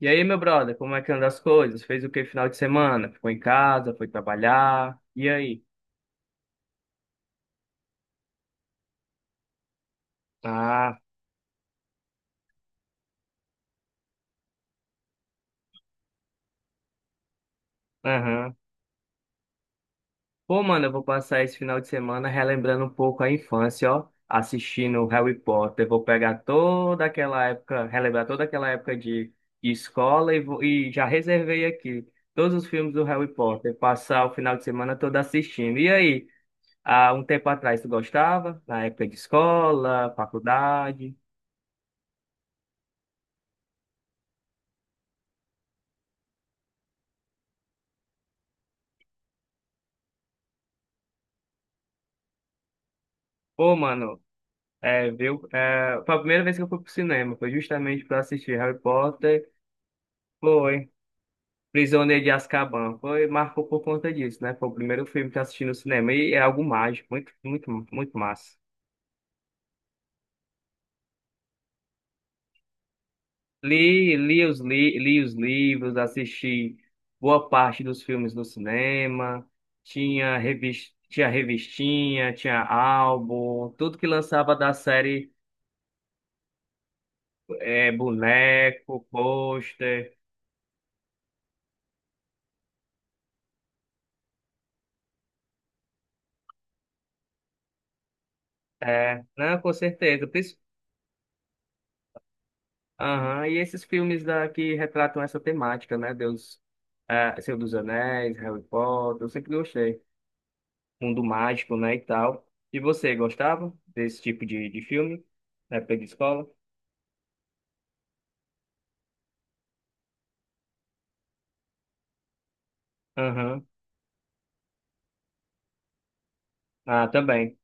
E aí, meu brother, como é que anda as coisas? Fez o que final de semana? Ficou em casa, foi trabalhar? E aí? Ah, aham. Pô, mano, eu vou passar esse final de semana relembrando um pouco a infância, ó, assistindo Harry Potter. Vou pegar toda aquela época, relembrar toda aquela época de escola e, e já reservei aqui todos os filmes do Harry Potter, passar o final de semana todo assistindo. E aí? Há um tempo atrás tu gostava? Na época de escola, faculdade? Pô, mano. É, viu? É, foi a primeira vez que eu fui pro cinema, foi justamente para assistir Harry Potter, foi Prisioneiro de Azkaban, foi, marcou por conta disso, né? Foi o primeiro filme que eu assisti no cinema e é algo mágico, muito, muito, muito massa. Li os livros, assisti boa parte dos filmes no cinema, tinha revista, tinha revistinha, tinha álbum, tudo que lançava da série, é, boneco, pôster, é, não, com certeza. Aham. E esses filmes que retratam essa temática, né? Deus, é, Senhor dos Anéis, Harry Potter, eu sempre gostei. Mundo mágico, né, e tal. E você, gostava desse tipo de filme? Na época de escola? Aham. Ah, também.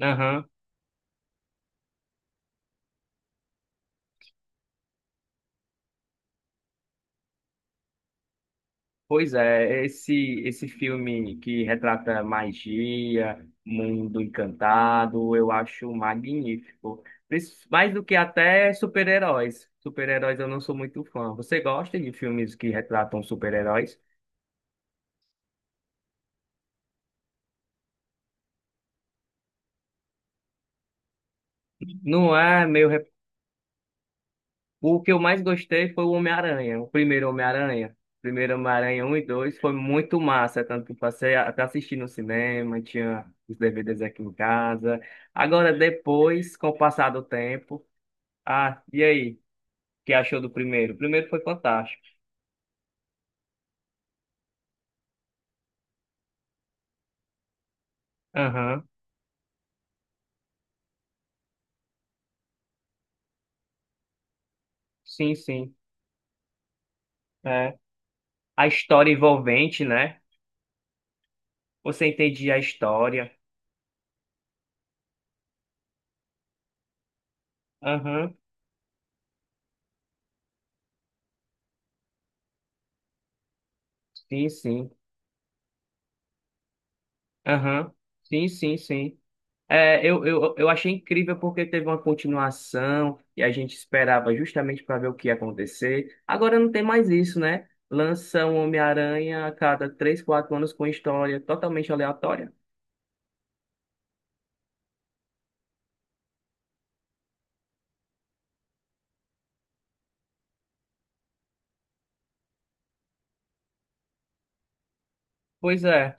Aham. Pois é, esse filme que retrata magia, mundo encantado, eu acho magnífico. Mais do que até super-heróis. Super-heróis eu não sou muito fã. Você gosta de filmes que retratam super-heróis? Não é meu. O que eu mais gostei foi o Homem-Aranha, o primeiro Homem-Aranha. O Primeiro Homem-Aranha um e 2 foi muito massa, tanto que até assistir no cinema, tinha os DVDs aqui em casa. Agora, depois, com o passar do tempo. Ah, e aí? O que achou do primeiro? O primeiro foi fantástico. Aham. Sim, sim. É. A história envolvente, né? Você entendia a história. Aham. Sim, sim. Aham. Sim, sim, sim. É, eu achei incrível porque teve uma continuação e a gente esperava justamente para ver o que ia acontecer. Agora não tem mais isso, né? Lança um Homem-Aranha a cada três, quatro anos com história totalmente aleatória. Pois é,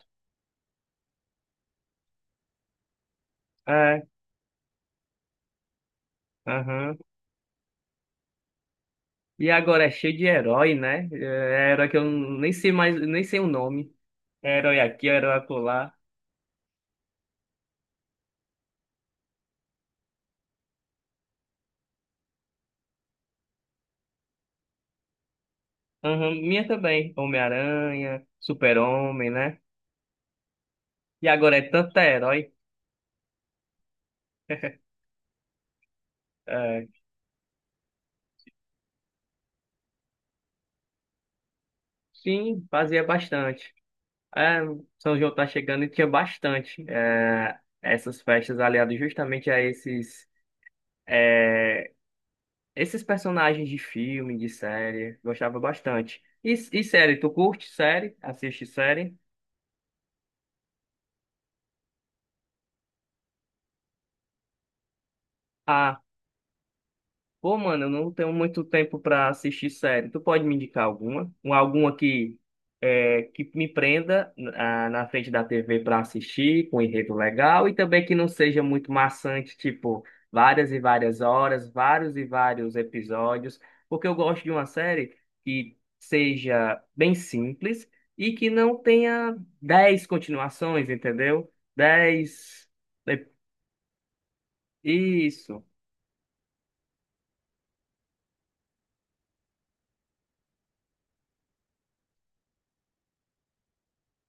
é, aham. E agora é cheio de herói, né? É herói que eu nem sei mais, nem sei o nome. É herói aqui, é herói acolá. Aham, minha também. Homem-Aranha, Super-Homem, né? E agora é tanta herói. É, sim, fazia bastante. É, São João tá chegando e tinha bastante. É, essas festas aliadas justamente a esses, é, esses personagens de filme, de série. Gostava bastante. E série, tu curte série? Assiste série? Ah, pô, mano, eu não tenho muito tempo pra assistir série. Tu pode me indicar alguma? Alguma que, é, que me prenda na frente da TV pra assistir, com um enredo legal, e também que não seja muito maçante, tipo, várias e várias horas, vários e vários episódios, porque eu gosto de uma série que seja bem simples e que não tenha dez continuações, entendeu? Dez. É, isso.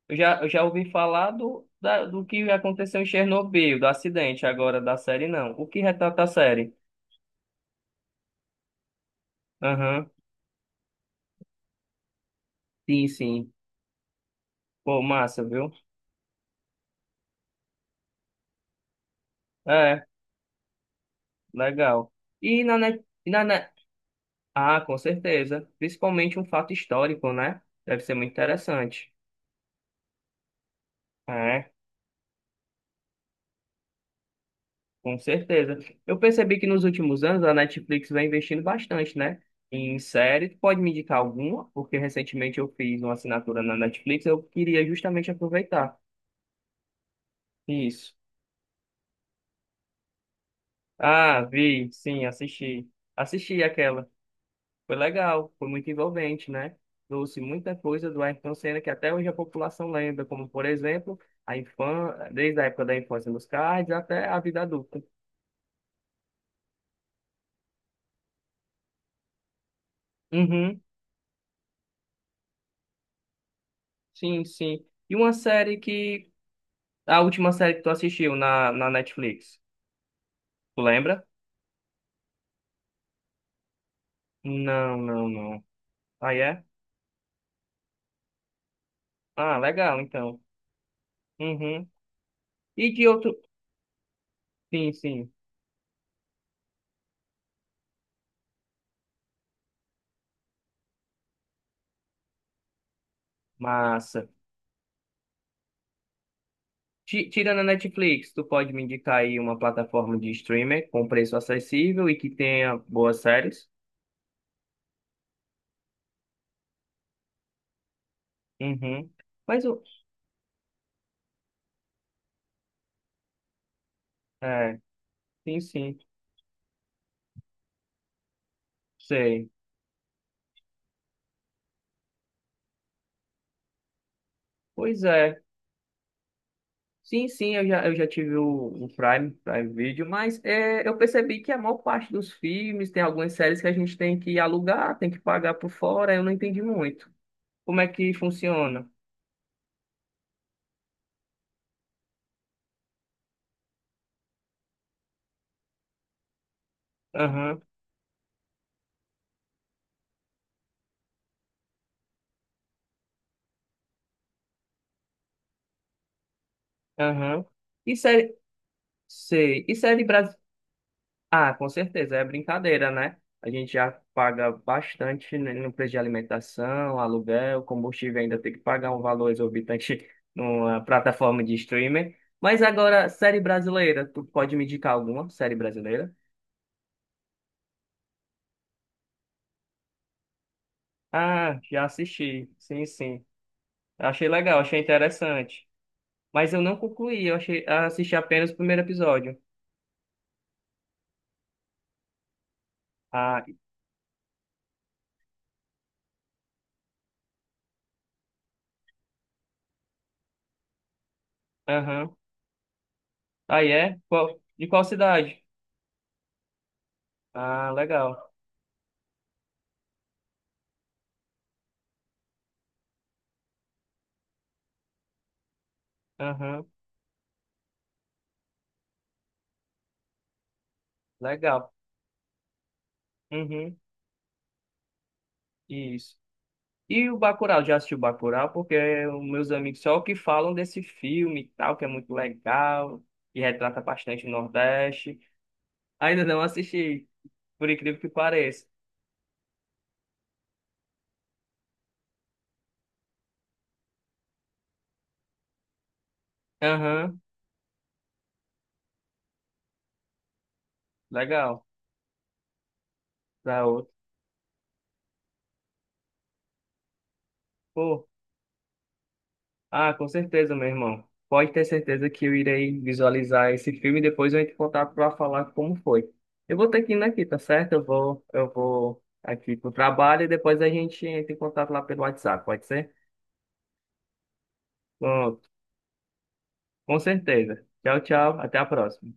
Eu já ouvi falar do que aconteceu em Chernobyl, do acidente agora da série, não. O que retrata a série? Aham. Sim, sim. Pô, massa, viu? É, legal. E na, net, e na net... Ah, com certeza. Principalmente um fato histórico, né? Deve ser muito interessante. É, com certeza. Eu percebi que nos últimos anos a Netflix vem investindo bastante, né? Em série, tu pode me indicar alguma? Porque recentemente eu fiz uma assinatura na Netflix, eu queria justamente aproveitar. Isso. Ah, vi, sim, assisti. Assisti aquela. Foi legal, foi muito envolvente, né? Trouxe muita coisa do Ayrton Senna que até hoje a população lembra, como, por exemplo, a infância, desde a época da infância nos cards até a vida adulta. Uhum, sim, sim. E uma série que... A última série que tu assistiu na Netflix, tu lembra? Não, não, não. Aí é? Ah, legal, então. Uhum. E de outro... Sim, sim. Massa. Tirando a Netflix, tu pode me indicar aí uma plataforma de streamer com preço acessível e que tenha boas séries? Uhum. Mas o. É, sim, sim. Sei. Pois é. Sim, sim, eu já tive o Prime, Prime Video, mas é, eu percebi que a maior parte dos filmes tem algumas séries que a gente tem que alugar, tem que pagar por fora, eu não entendi muito. Como é que funciona? Aham, aham. E série. Sei. E série brasileira? Ah, com certeza, é brincadeira, né? A gente já paga bastante no preço de alimentação, aluguel, combustível, ainda tem que pagar um valor exorbitante numa plataforma de streaming. Mas agora, série brasileira, tu pode me indicar alguma série brasileira? Ah, já assisti, sim, sim. Achei legal, achei interessante. Mas eu não concluí, eu achei, assisti apenas o primeiro episódio. Ah, aham. Aí é? De qual cidade? Ah, legal. Aham, legal. Uhum, isso. E o Bacurau, já assisti o Bacurau? Porque os meus amigos só que falam desse filme e tal, que é muito legal, e retrata bastante o Nordeste. Ainda não assisti, por incrível que pareça. Aham, legal. Da outro. Pô, ah, com certeza, meu irmão. Pode ter certeza que eu irei visualizar esse filme e depois eu entro em contato para falar como foi. Eu vou ter que ir aqui, tá certo? Eu vou aqui pro trabalho e depois a gente entra em contato lá pelo WhatsApp, pode ser? Pronto. Com certeza. Tchau, tchau. Até a próxima.